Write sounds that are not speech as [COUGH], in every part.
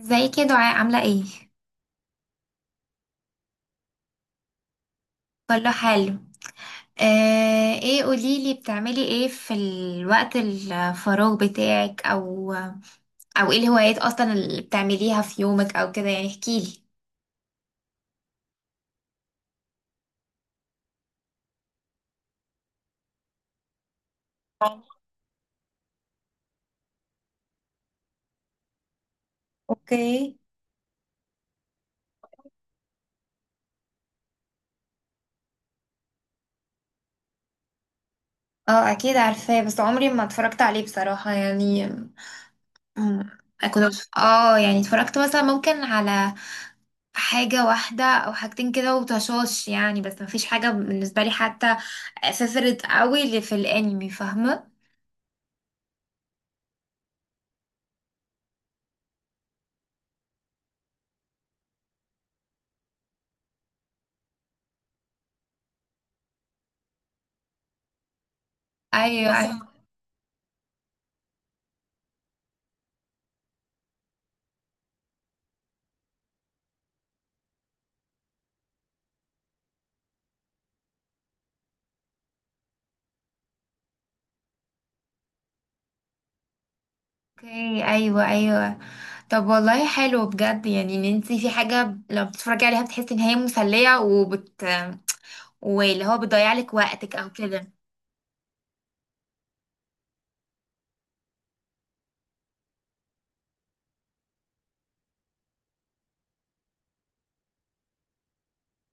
ازيك يا دعاء عاملة ايه؟ كله حلو. ايه قوليلي بتعملي ايه في الوقت الفراغ بتاعك او ايه الهوايات اصلا اللي بتعمليها في يومك او كده يعني احكيلي. اوكي. اه، اكيد عارفاه بس عمري ما اتفرجت عليه بصراحة يعني. مم، كنت يعني اتفرجت مثلا ممكن على حاجة واحدة او حاجتين كده وطشاش، يعني بس مفيش حاجة بالنسبة لي حتى فيفرت قوي اللي في الانمي فاهمة. ايوه بس ايوه. اوكي. ايوه ايوه. طب والله حلو بجد، يعني ان انت في حاجه لو بتتفرجي عليها بتحسي ان هي مسليه واللي هو بتضيع لك وقتك او كده.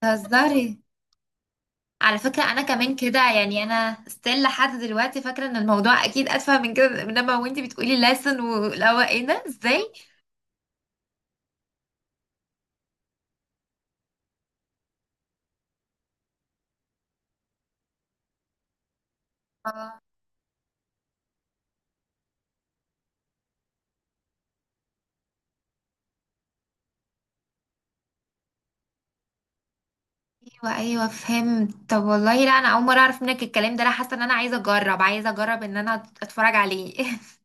تهزري. على فكره انا كمان كده، يعني انا ستيل لحد دلوقتي فاكره ان الموضوع اكيد اتفه من كده، من لما وانت بتقولي لسن ولو، ايه ده؟ ازاي؟ آه، ايوه ايوه فهمت. طب والله لا، انا اول مره اعرف منك الكلام ده، انا حاسه ان انا عايزه اجرب ان انا اتفرج عليه [LAUGHS]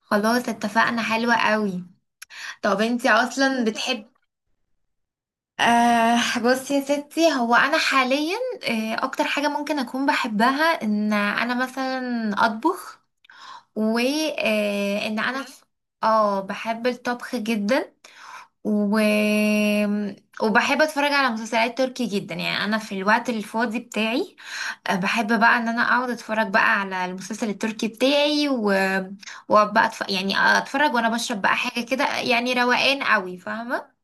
خلاص اتفقنا، حلوة قوي. طب انتي اصلا بتحب. بصي يا ستي هو انا حاليا، اكتر حاجة ممكن اكون بحبها ان انا مثلا اطبخ، وان انا اه بحب الطبخ جدا و... وبحب اتفرج على مسلسلات تركي جدا، يعني انا في الوقت الفاضي بتاعي بحب بقى ان انا اقعد اتفرج بقى على المسلسل التركي بتاعي وبقى يعني اتفرج وانا بشرب بقى حاجة كده، يعني روقان قوي فاهمة.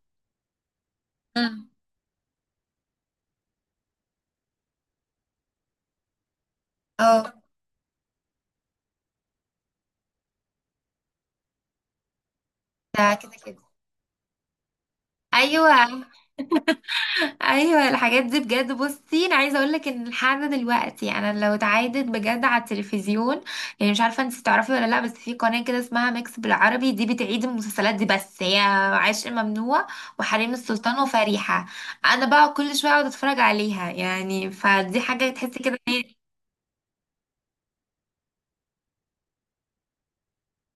مم. اه، ده كده كده. ايوه ايوه الحاجات دي، بجد بصي انا عايزه اقول لك ان لحد دلوقتي انا لو اتعادت بجد على التلفزيون، يعني مش عارفه انت تعرفي ولا لا، بس في قناه كده اسمها ميكس بالعربي دي بتعيد المسلسلات دي، بس هي عشق ممنوع وحريم السلطان وفريحه، انا بقى كل شويه اقعد اتفرج عليها، يعني فدي حاجه تحسي كده إن هي-.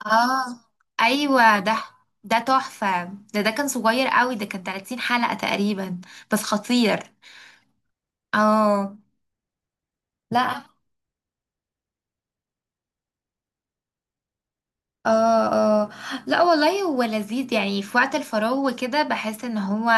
اه، ايوه، ده تحفه، ده كان صغير قوي، ده كان 30 حلقه تقريبا بس خطير. اه. لا. اه. اه. لا والله هو لذيذ، يعني في وقت الفراغ وكده بحس ان هو،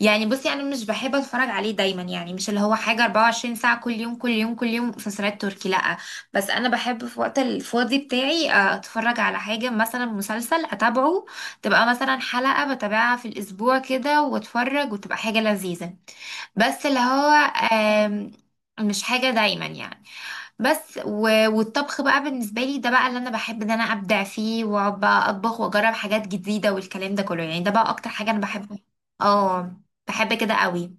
يعني بصي انا مش بحب اتفرج عليه دايما، يعني مش اللي هو حاجة 24 ساعة، كل يوم كل يوم كل يوم مسلسلات تركي، لا. بس انا بحب في وقت الفاضي بتاعي اتفرج على حاجة، مثلا مسلسل اتابعه، تبقى مثلا حلقة بتابعها في الاسبوع كده واتفرج، وتبقى حاجة لذيذة، بس اللي هو آم، مش حاجة دايما يعني. بس والطبخ بقى بالنسبة لي، ده بقى اللي انا بحب ان انا ابدع فيه، واقعد بقى اطبخ واجرب حاجات جديدة والكلام ده كله، يعني ده بقى اكتر حاجة انا بحب. اه بحب كده قوي.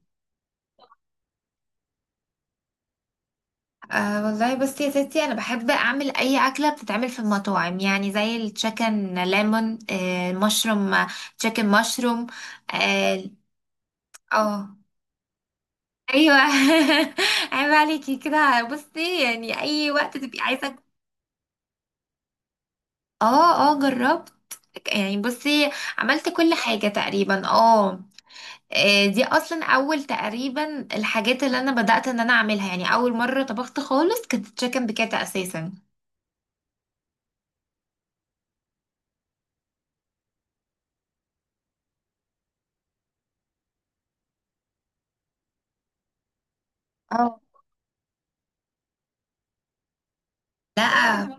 والله بس يا ستي انا بحب اعمل اي اكله بتتعمل في المطاعم، يعني زي التشيكن ليمون، مشروم، تشيكن مشروم. اه. آه. ايوه [LAUGHS] عيب عليكي كده، بصي يعني اي وقت تبقي عايزه. اه اه جربت، يعني بصي عملت كل حاجة تقريبا، اه. دي اصلا اول تقريبا الحاجات اللي انا بدأت ان انا اعملها، يعني اول مرة طبخت خالص كانت تشيكن بكاتا اساسا. اه. لا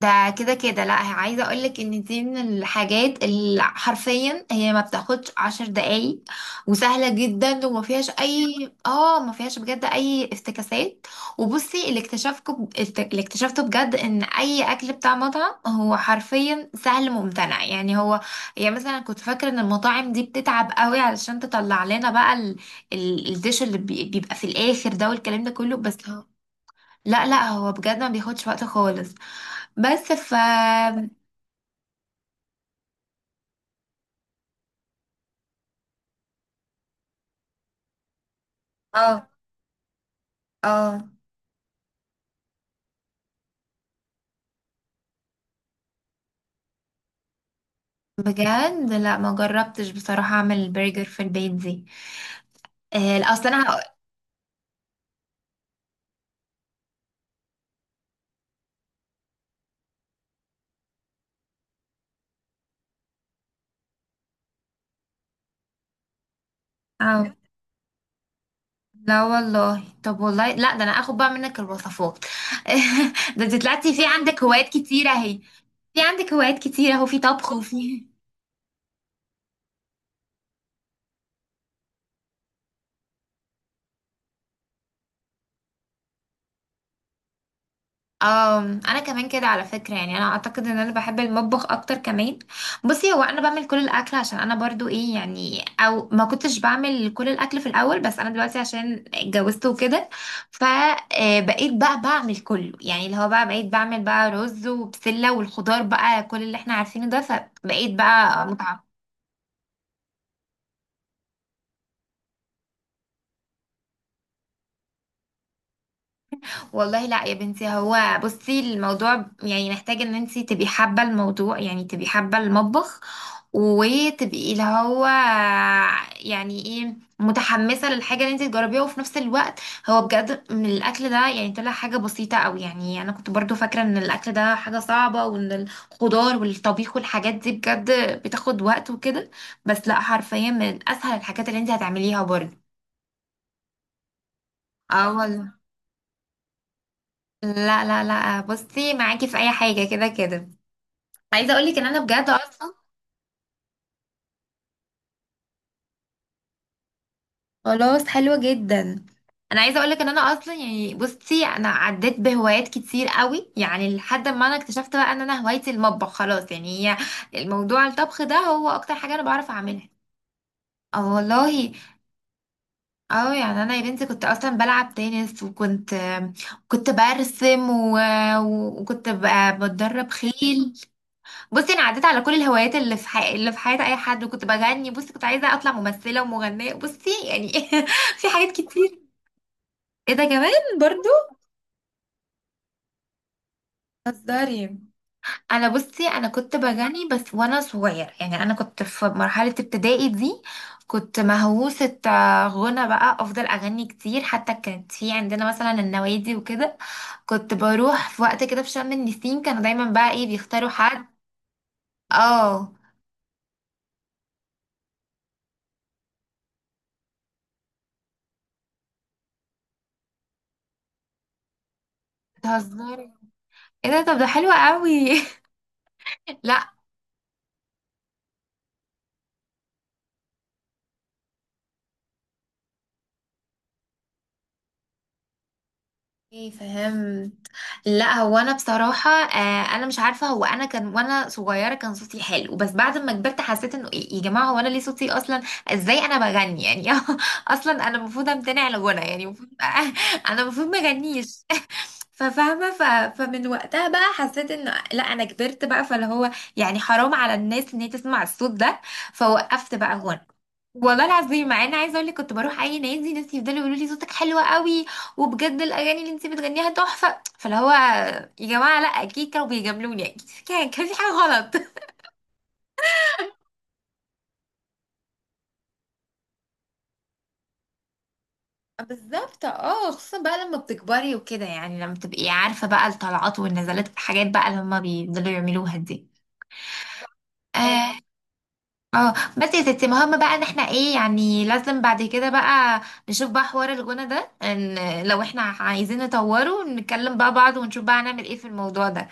ده كده كده. لا هي-، عايزه اقولك ان دي من الحاجات اللي حرفيا هي ما بتاخدش عشر دقايق، وسهله جدا وما فيهاش اي. اه، ما فيهاش بجد اي افتكاسات. وبصي اللي اكتشفته بجد ان اي اكل بتاع مطعم هو حرفيا سهل ممتنع، يعني هو، يعني مثلا كنت فاكره ان المطاعم دي بتتعب قوي علشان تطلع لنا بقى الديش اللي بيبقى في الاخر ده والكلام ده كله، بس هو-. لا لا هو بجد ما بياخدش وقت خالص، بس اه اه بجد. لا ما جربتش بصراحة اعمل البرجر في البيت دي. اصل انا هقول. اه. لا والله. طب والله لا، ده انا اخد بقى منك الوصفات [LAUGHS] ده انت طلعتي في عندك هوايات كتيرة اهو، في طبخ وفي. اه، انا كمان كده على فكره، يعني انا اعتقد ان انا بحب المطبخ اكتر كمان. بصي هو انا بعمل كل الاكل عشان انا برضو ايه، يعني او ما كنتش بعمل كل الاكل في الاول، بس انا دلوقتي عشان اتجوزت وكده فبقيت بقى بعمل كله، يعني اللي هو بقى بقيت بعمل بقى رز وبسله والخضار بقى كل اللي احنا عارفينه ده، فبقيت بقى متعمقه. والله لا يا بنتي، هو بصي الموضوع يعني محتاج ان انتي تبقي حابة الموضوع، يعني تبقي حابة المطبخ وتبقي اللي هو، يعني ايه متحمسة للحاجة اللي انتي تجربيها، وفي نفس الوقت هو بجد من الاكل ده يعني طلع حاجة بسيطة قوي، يعني انا كنت برضو فاكرة ان الاكل ده حاجة صعبة وان الخضار والطبيخ والحاجات دي بجد بتاخد وقت وكده، بس لا حرفيا من اسهل الحاجات اللي انتي هتعمليها برضو. اه والله. لا لا لا بصي معاكي في اي حاجه كده كده، عايزه اقولك ان انا بجد اصلا. خلاص حلوه جدا. انا عايزه اقولك ان انا اصلا يعني بصي انا عديت بهوايات كتير قوي، يعني لحد ما انا اكتشفت بقى ان انا هوايتي المطبخ خلاص، يعني هي الموضوع الطبخ ده هو اكتر حاجه انا بعرف اعملها. اه والله. اه يعني انا يا بنتي كنت اصلا بلعب تنس، وكنت برسم وكنت بتدرب خيل. بصي انا عديت على كل الهوايات اللي في اللي في حياة اي حد، وكنت بغني، بصي كنت عايزة اطلع ممثلة ومغنية، بصي يعني [LAUGHS] في حاجات كتير. ايه ده كمان برضو؟ هزاري. انا بصي انا كنت بغني بس وانا صغير، يعني انا كنت في مرحلة ابتدائي دي كنت مهووسة غنى بقى افضل اغني كتير، حتى كانت في عندنا مثلا النوادي وكده، كنت بروح في وقت كده في شم النسيم، كانوا دايما بقى ايه بيختاروا حد. اه. بتهزري؟ ايه ده؟ طب ده حلو قوي. [LAUGHS] لا. ايه فهمت. لا هو انا بصراحه انا مش عارفه هو انا كان وانا صغيره كان صوتي حلو، بس بعد ما كبرت حسيت انه إيه يا جماعه، هو انا ليه صوتي اصلا؟ ازاي انا بغني يعني [LAUGHS] اصلا انا المفروض امتنع عن الغنى، يعني المفروض [LAUGHS] انا المفروض ما اغنيش [LAUGHS] ففاهمه فمن وقتها بقى حسيت انه لا انا كبرت بقى، فاللي هو يعني حرام على الناس ان هي تسمع الصوت ده فوقفت بقى غنى. والله العظيم مع ان عايزه اقول لك كنت بروح اي نادي، ناس يفضلوا يقولوا لي صوتك حلو قوي وبجد الاغاني اللي انت بتغنيها تحفه، فاللي هو يا جماعه لا اكيد كانوا بيجاملوني اكيد، كان في حاجه غلط. [LAUGHS] بالظبط. اه خصوصا بقى لما بتكبري وكده، يعني لما تبقي عارفه بقى الطلعات والنزلات الحاجات بقى اللي هما بيفضلوا يعملوها دي. أيوة. اه. بس يا ستي مهم بقى ان احنا ايه، يعني لازم بعد كده بقى نشوف بقى حوار الغنى ده، ان لو احنا عايزين نطوره نتكلم بقى بعض ونشوف بقى هنعمل ايه في الموضوع ده.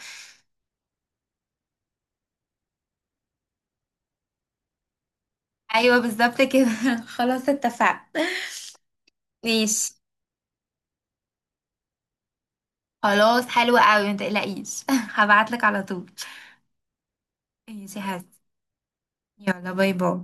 ايوه بالظبط كده [LAUGHS] خلاص اتفقنا. ماشي. خلاص حلوة قوي ما تقلقيش [LAUGHS] هبعتلك على طول. ماشي يا حسن. يلا باي باي